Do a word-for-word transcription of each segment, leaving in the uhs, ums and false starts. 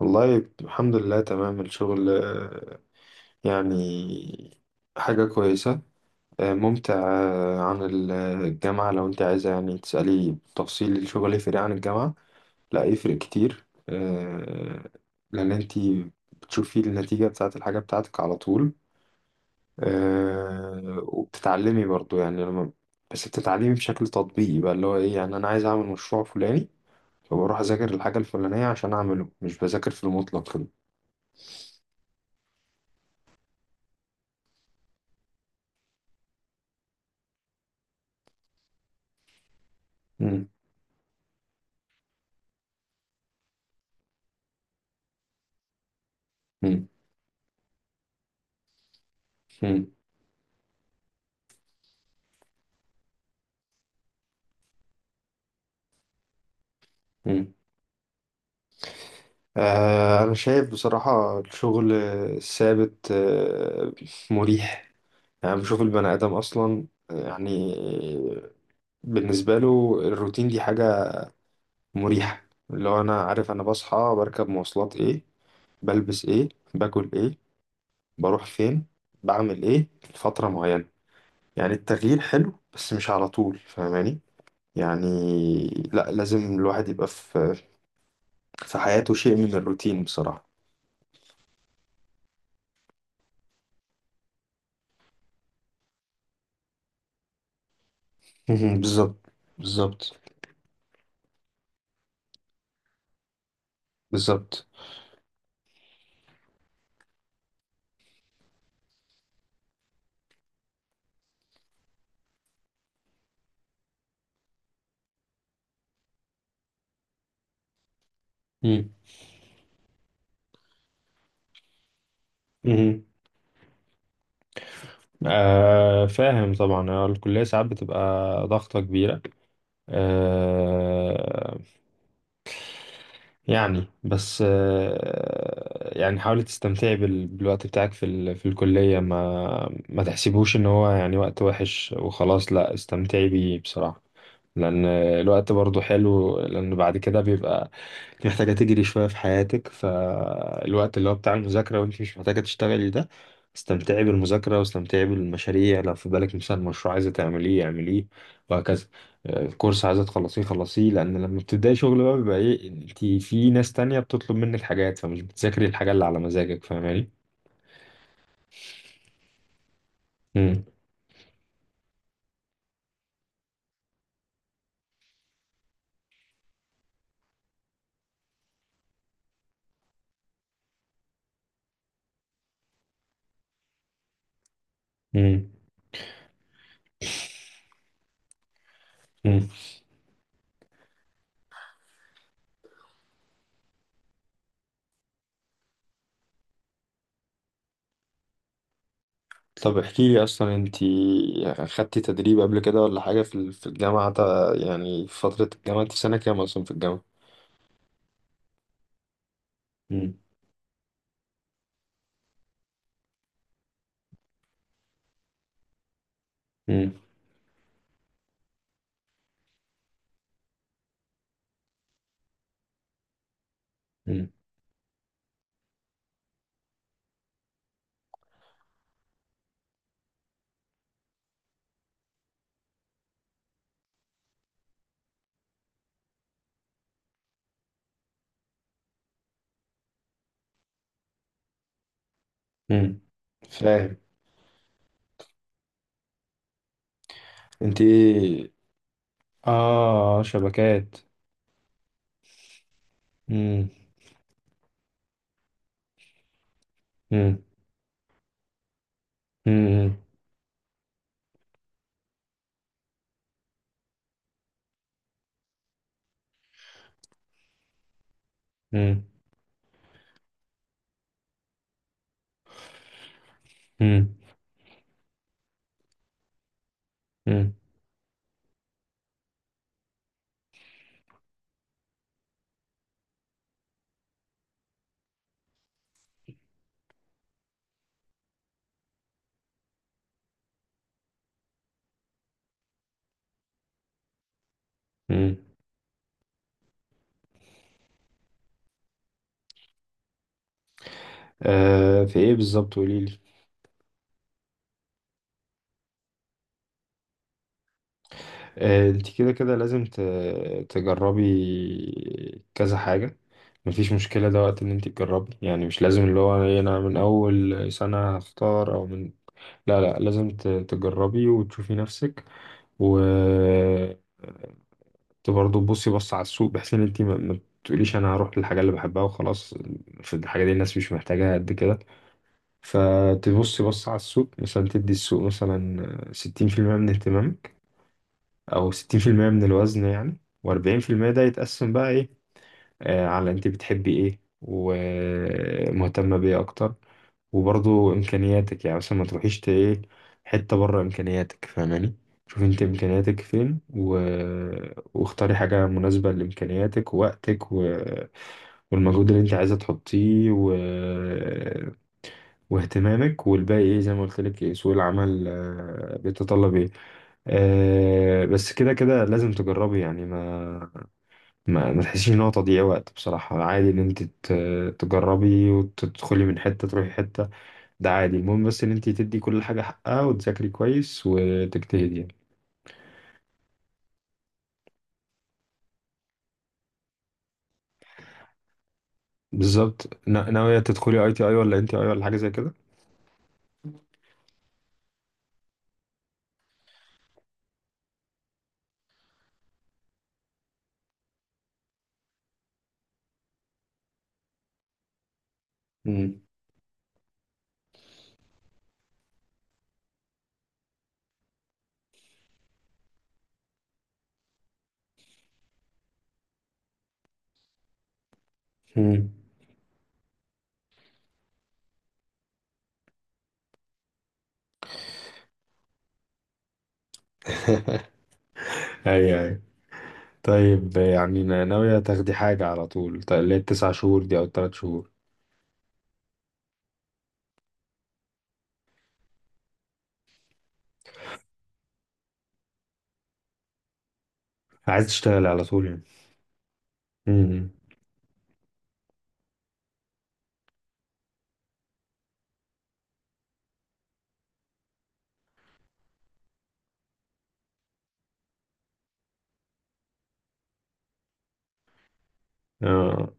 والله الحمد لله تمام الشغل، آه، يعني حاجة كويسة، آه، ممتع، آه، عن ال- الجامعة. لو انت عايزة يعني تسألي تفصيل الشغل يفرق عن الجامعة، لا يفرق كتير، آه، لأن انت بتشوفي النتيجة بتاعة الحاجة بتاعتك على طول، آه، وبتتعلمي برضو. يعني لما بس بتتعلمي بشكل تطبيقي بقى، اللي هو ايه، يعني انا عايز اعمل مشروع فلاني، فبروح اذاكر الحاجة الفلانية عشان اعمله، مش بذاكر في المطلق كده. مم. مم. مم. مم. آه، أنا شايف بصراحة الشغل الثابت، آه، مريح. يعني بشوف البني آدم أصلا، آه، يعني بالنسبة له الروتين دي حاجة مريحة. اللي هو أنا عارف أنا بصحى بركب مواصلات إيه، بلبس إيه، باكل إيه، بروح فين، بعمل إيه، لفترة معينة. يعني التغيير حلو بس مش على طول، فاهماني؟ يعني لا، لازم الواحد يبقى في في حياته شيء من الروتين بصراحة. بالظبط، بالظبط، بالظبط. مم. مم. آه، فاهم طبعا. آه، الكلية ساعات بتبقى ضغطة كبيرة. آه يعني بس، آه، يعني حاولي تستمتعي بال- بالوقت بتاعك في ال... في الكلية. ما ما تحسبوش ان هو يعني وقت وحش وخلاص، لا استمتعي بيه بصراحة. لان الوقت برضو حلو، لان بعد كده بيبقى انت محتاجة تجري شوية في حياتك، فالوقت اللي هو بتاع المذاكرة وانت مش محتاجة تشتغلي ده، استمتعي بالمذاكرة واستمتعي بالمشاريع. لو في بالك مثلا مشروع عايزة تعمليه اعمليه، وهكذا. الكورس عايزة تخلصيه خلصيه، لأن لما بتبدأي شغل بقى بيبقى إيه، أنت في ناس تانية بتطلب منك حاجات، فمش بتذاكري الحاجة اللي على مزاجك، فاهماني؟ مم. مم. مم. طب احكي لي أصلا، أنت خدتي تدريب قبل كده ولا حاجة في ال- في الجامعة تا- يعني في فترة الجامعة، أنت في سنة كام أصلا في الجامعة؟ مم. مم. مم. مم. فاهم، أنت إيه؟ آه، شبكات. مم. مم. مم. مم. مم. مم. مم. آه في ايه بالظبط قوليلي؟ آه انت كده كده لازم ت- تجربي كذا حاجة. مفيش مشكلة، ده وقت ان انت تجربي، يعني مش لازم اللي هو إيه انا من اول سنة هختار او من، لا لا، لازم ت- تجربي وتشوفي نفسك، و ت- برضه تبصي بص على السوق، بحيث ان انت ما ما تقوليش انا هروح للحاجة اللي بحبها وخلاص، في الحاجة دي الناس مش محتاجاها قد كده. فتبصي بص على السوق، مثلا تدي السوق مثلا ستين في المية من اهتمامك، او ستين في المية من الوزن يعني، و40% ده يتقسم بقى ايه، آه على انت بتحبي ايه ومهتمة بيه اكتر، وبرضو امكانياتك. يعني مثلا ما تروحيش ت- ايه، حتة بره امكانياتك، فاهماني؟ شوفي انت امكانياتك فين و... واختاري حاجة مناسبة لامكانياتك ووقتك و... والمجهود اللي انت عايزة تحطيه و... واهتمامك، والباقي ايه زي ما قلت لك، ايه سوق العمل، آه، بيتطلب ايه. آه، بس كده كده لازم تجربي، يعني ما ما, ما تحسيش ان هو تضييع وقت بصراحة. عادي ان انت ت- تجربي وتدخلي من حتة تروحي حتة، ده عادي. المهم بس ان انت تدي كل حاجة حقها وتذاكري كويس وتجتهدي يعني. بالظبط. نا- ناوية تدخلي اي تي اي ولا ان تي اي ولا حاجة زي كده؟ امم. امم. ايوه، ايوه. طيب يعني نا- ناوية تاخدي حاجة على طول، ط- اللي هي التسع شهور دي او التلات شهور؟ عايز تشتغلي على طول يعني؟ امم. اه.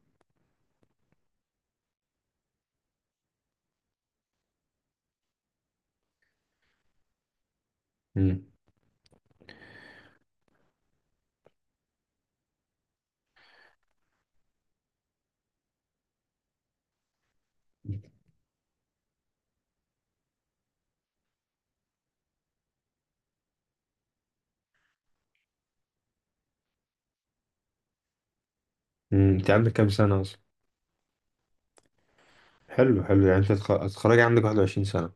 امم. انت عندك كام سنة اصلا؟ حلو، حلو، يعني انت هتخ- هتتخرجي عندك واحد وعشرين سنة.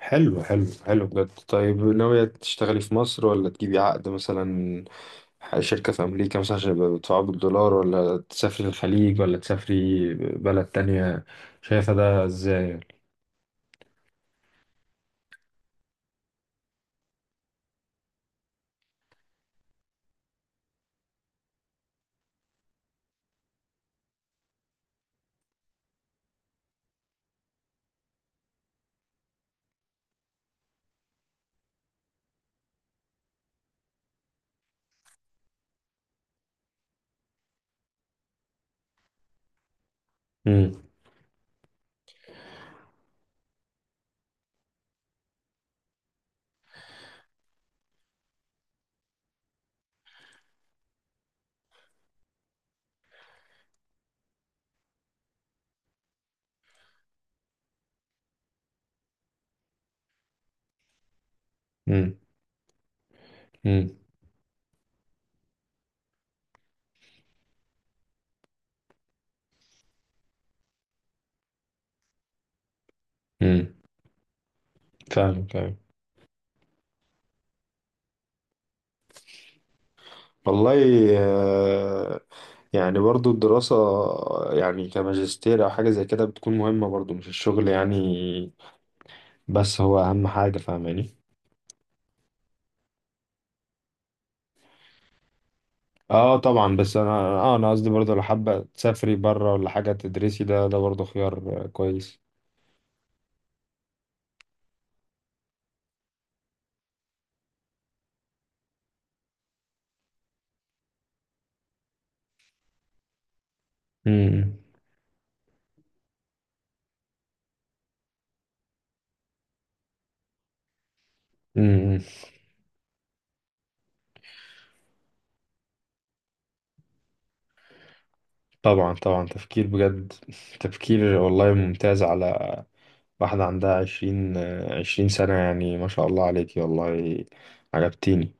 حلو، حلو، حلو، بجد. طيب ناوية تشتغلي في مصر ولا تجيبي عقد مثلا شركة في أمريكا مثلا عشان يبقى بيدفعوا بالدولار، ولا تسافري الخليج، ولا تسافري بلد تانية؟ شايفة ده ازاي؟ امم. امم. امم. امم. فاهم، فاهم. والله، آه، يعني برضو الدراسة يعني كماجستير أو حاجة زي كده بتكون مهمة برضو، مش الشغل يعني، بس هو أهم حاجة، فاهماني؟ اه طبعا، بس انا، اه انا قصدي برضه لو حابه تسافري بره ولا حاجه تدرسي، ده ده برضه خيار، آه، كويس. امم. امم. طبعا، طبعا، تفكير بجد، تفكير والله ممتاز، على واحده عندها عشرين عشرين سنه يعني، ما شاء الله عليكي، والله عجبتيني.